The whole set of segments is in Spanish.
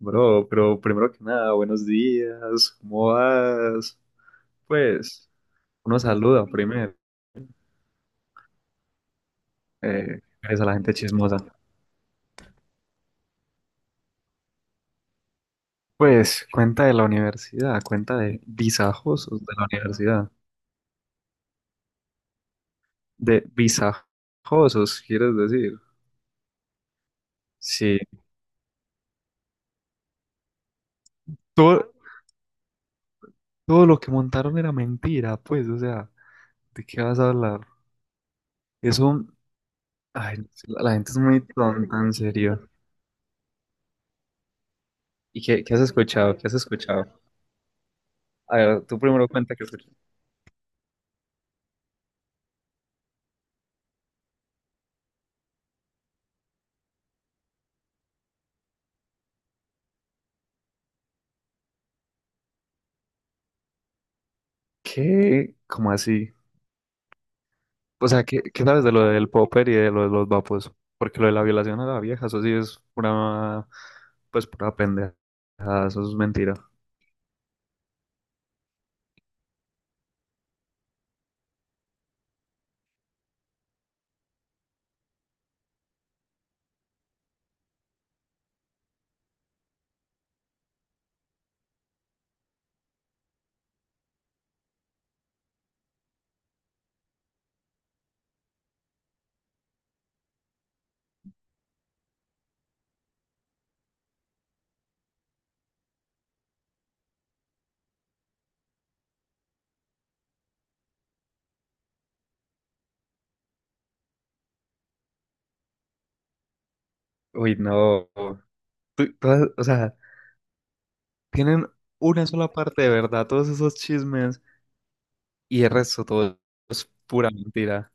Bro, pero primero que nada, buenos días, ¿cómo vas? Pues, uno saluda primero, eh, es a la gente chismosa. Pues, cuenta de la universidad, cuenta de visajosos de la universidad, de visajosos, quieres decir. Sí, todo, todo lo que montaron era mentira, pues, o sea, ¿de qué vas a hablar? Eso, ay, la gente es muy tonta, en serio. ¿Y qué has escuchado? ¿Qué has escuchado? A ver, tú primero cuenta que ¿qué? ¿Cómo así? O sea, ¿qué sabes de lo del popper y de lo de los vapos? Porque lo de la violación a la vieja, eso sí es pura, pues pura pendeja, eso es mentira. Uy, no. O sea, tienen una sola parte de verdad, todos esos chismes, y el resto todo es pura mentira.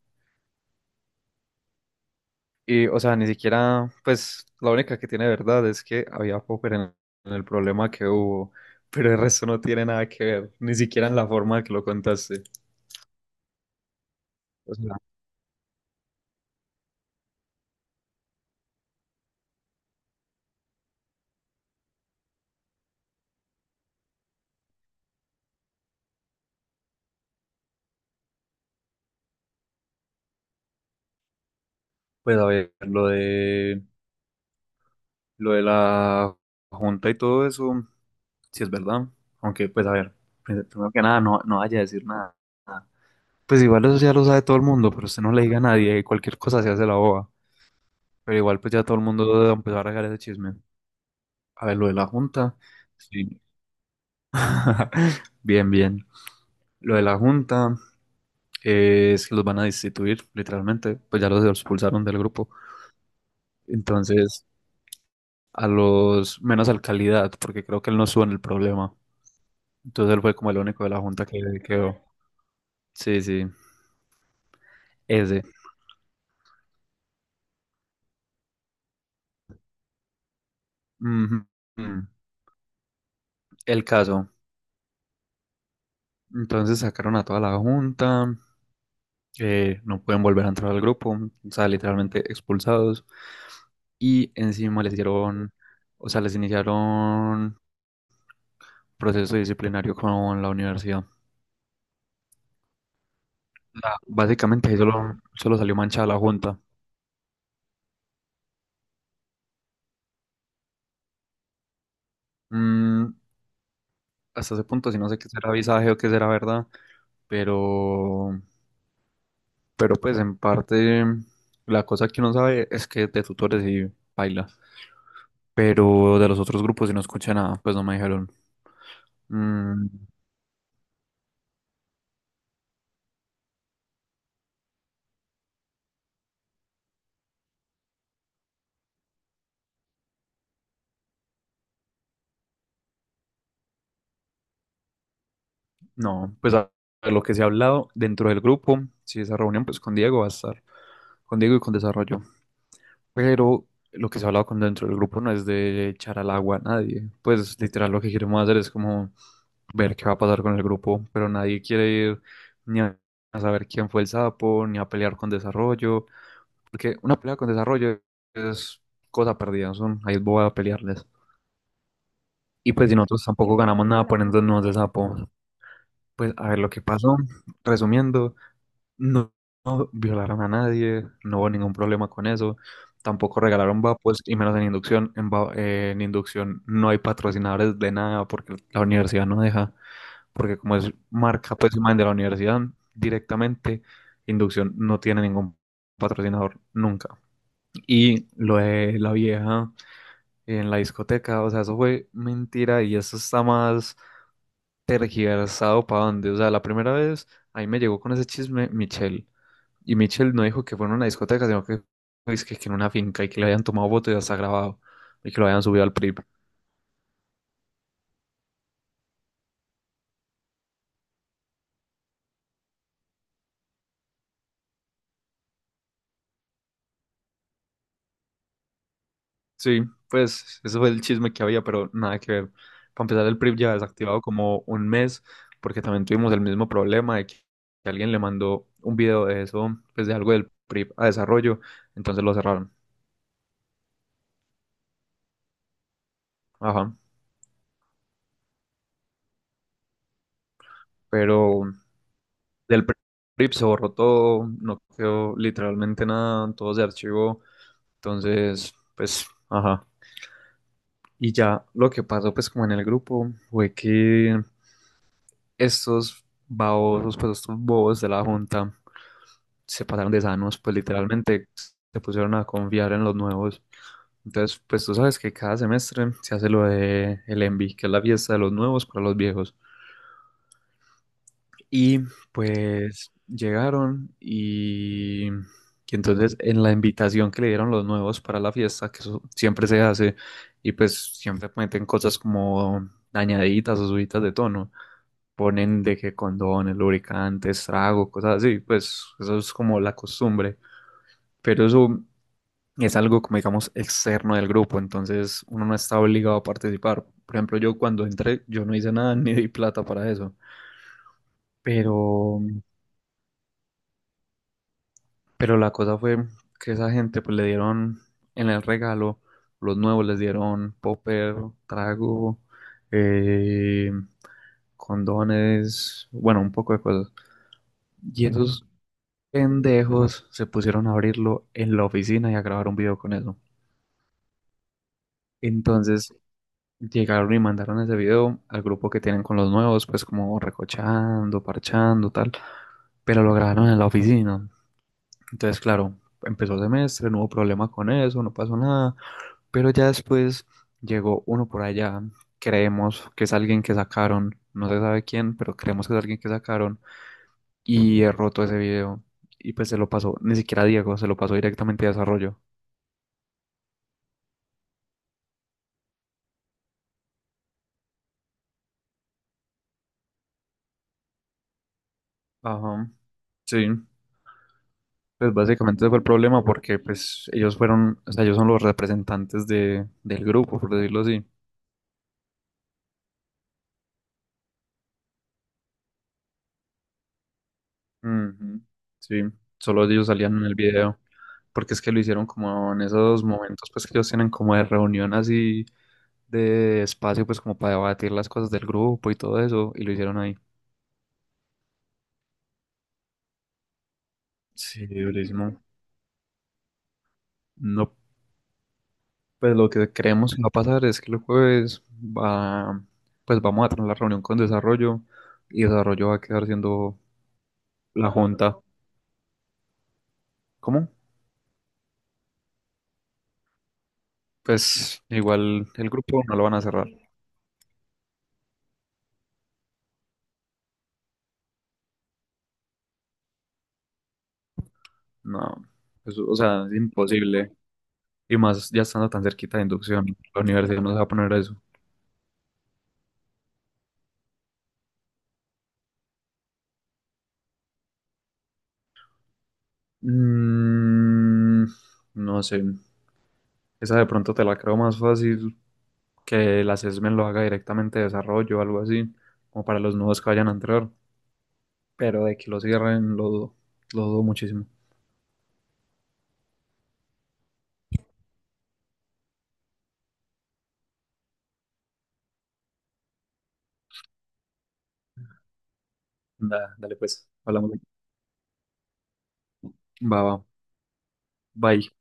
Y, o sea, ni siquiera, pues, la única que tiene verdad es que había popper en el problema que hubo, pero el resto no tiene nada que ver, ni siquiera en la forma que lo contaste. Pues a ver, lo de la junta y todo eso, si es verdad. Aunque, pues a ver, primero que nada, no, no vaya a decir nada. Pues igual eso ya lo sabe todo el mundo, pero usted no le diga a nadie, y cualquier cosa se hace la boba. Pero igual pues ya todo el mundo va a empezar a sacar ese chisme. A ver, lo de la junta, sí. Bien, bien. Lo de la junta, es que los van a destituir, literalmente, pues ya los expulsaron del grupo. Entonces, a los menos al calidad, porque creo que él no sube en el problema. Entonces él fue como el único de la junta que quedó. Sí, sí, ese. Ujú, ujú. El caso. Entonces sacaron a toda la junta, no pueden volver a entrar al grupo, o sea, literalmente expulsados. Y encima les dieron, o sea, les iniciaron proceso disciplinario con la universidad. O básicamente ahí solo salió manchada la junta. Mm, hasta ese punto, si no sé qué será visaje o qué será verdad, pero Pero pues en parte la cosa que uno sabe es que de tutores sí baila. Pero de los otros grupos si no escuché nada, pues no me dijeron. Mm, no, pues a lo que se ha hablado dentro del grupo, si esa reunión pues con Diego va a estar, con Diego y con Desarrollo. Pero lo que se ha hablado con dentro del grupo no es de echar al agua a nadie. Pues literal lo que queremos hacer es como ver qué va a pasar con el grupo, pero nadie quiere ir ni a saber quién fue el sapo, ni a pelear con Desarrollo. Porque una pelea con desarrollo es cosa perdida, ¿no? Son, ahí voy a pelearles. Y pues si nosotros tampoco ganamos nada poniéndonos nos de sapo. Pues a ver lo que pasó, resumiendo, no, no violaron a nadie, no hubo ningún problema con eso, tampoco regalaron vapos y menos en inducción. En inducción no hay patrocinadores de nada porque la universidad no deja, porque como es marca pues imagen de la universidad directamente, inducción no tiene ningún patrocinador nunca. Y lo de la vieja en la discoteca, o sea, eso fue mentira y eso está más tergiversado para dónde. O sea, la primera vez ahí me llegó con ese chisme Michelle. Y Michelle no dijo que fue en una discoteca, sino que, que en una finca y que le habían tomado fotos y hasta grabado y que lo habían subido al PRIP. Sí, pues eso fue el chisme que había, pero nada que ver. Para empezar, el PRIP ya desactivado como un mes, porque también tuvimos el mismo problema de que alguien le mandó un video de eso, pues de algo del PRIP a desarrollo, entonces lo cerraron. Ajá. Pero del PRIP se borró todo, no quedó literalmente nada, todo se archivó, entonces, pues, ajá. Y ya lo que pasó, pues, como en el grupo, fue que estos babosos, pues, estos bobos de la junta se pasaron de sanos, pues literalmente se pusieron a confiar en los nuevos. Entonces, pues tú sabes que cada semestre se hace lo de el ENVI, que es la fiesta de los nuevos para los viejos. Y pues llegaron y entonces en la invitación que le dieron los nuevos para la fiesta, que eso siempre se hace, y pues siempre meten cosas como dañaditas o subidas de tono. Ponen de que condones, lubricantes, trago, cosas así, pues eso es como la costumbre. Pero eso es algo como digamos externo del grupo, entonces uno no está obligado a participar. Por ejemplo, yo cuando entré, yo no hice nada ni di plata para eso, pero, pero la cosa fue que esa gente pues le dieron en el regalo, los nuevos les dieron popper, trago, eh, condones, bueno, un poco de cosas. Y esos pendejos se pusieron a abrirlo en la oficina y a grabar un video con eso. Entonces, llegaron y mandaron ese video al grupo que tienen con los nuevos, pues como recochando, parchando, tal, pero lo grabaron en la oficina. Entonces, claro, empezó semestre, no hubo problema con eso, no pasó nada, pero ya después llegó uno por allá, creemos que es alguien que sacaron, no se sabe quién, pero creemos que es alguien que sacaron y he roto ese video y pues se lo pasó, ni siquiera a Diego, se lo pasó directamente a desarrollo. Ajá, sí. Pues básicamente ese fue el problema porque pues ellos fueron, o sea, ellos son los representantes de, del grupo, por decirlo así. Ujú, sí, solo ellos salían en el video, porque es que lo hicieron como en esos momentos pues que ellos tienen como de reunión así de espacio pues como para debatir las cosas del grupo y todo eso, y lo hicieron ahí. Sí, durísimo. No, pues lo que creemos que va a pasar es que el jueves va, pues vamos a tener la reunión con desarrollo y desarrollo va a quedar siendo la junta. ¿Cómo? Pues igual el grupo no lo van a cerrar. No, pues, o sea, es imposible. Y más ya estando tan cerquita de inducción, la universidad no se va a poner a eso. Mm, no sé. Esa de pronto te la creo más fácil que la CESMEN lo haga directamente de desarrollo o algo así, como para los nuevos que vayan a entrar. Pero de que lo cierren, lo dudo muchísimo. Dale pues, hablamos. Va, va. Bye.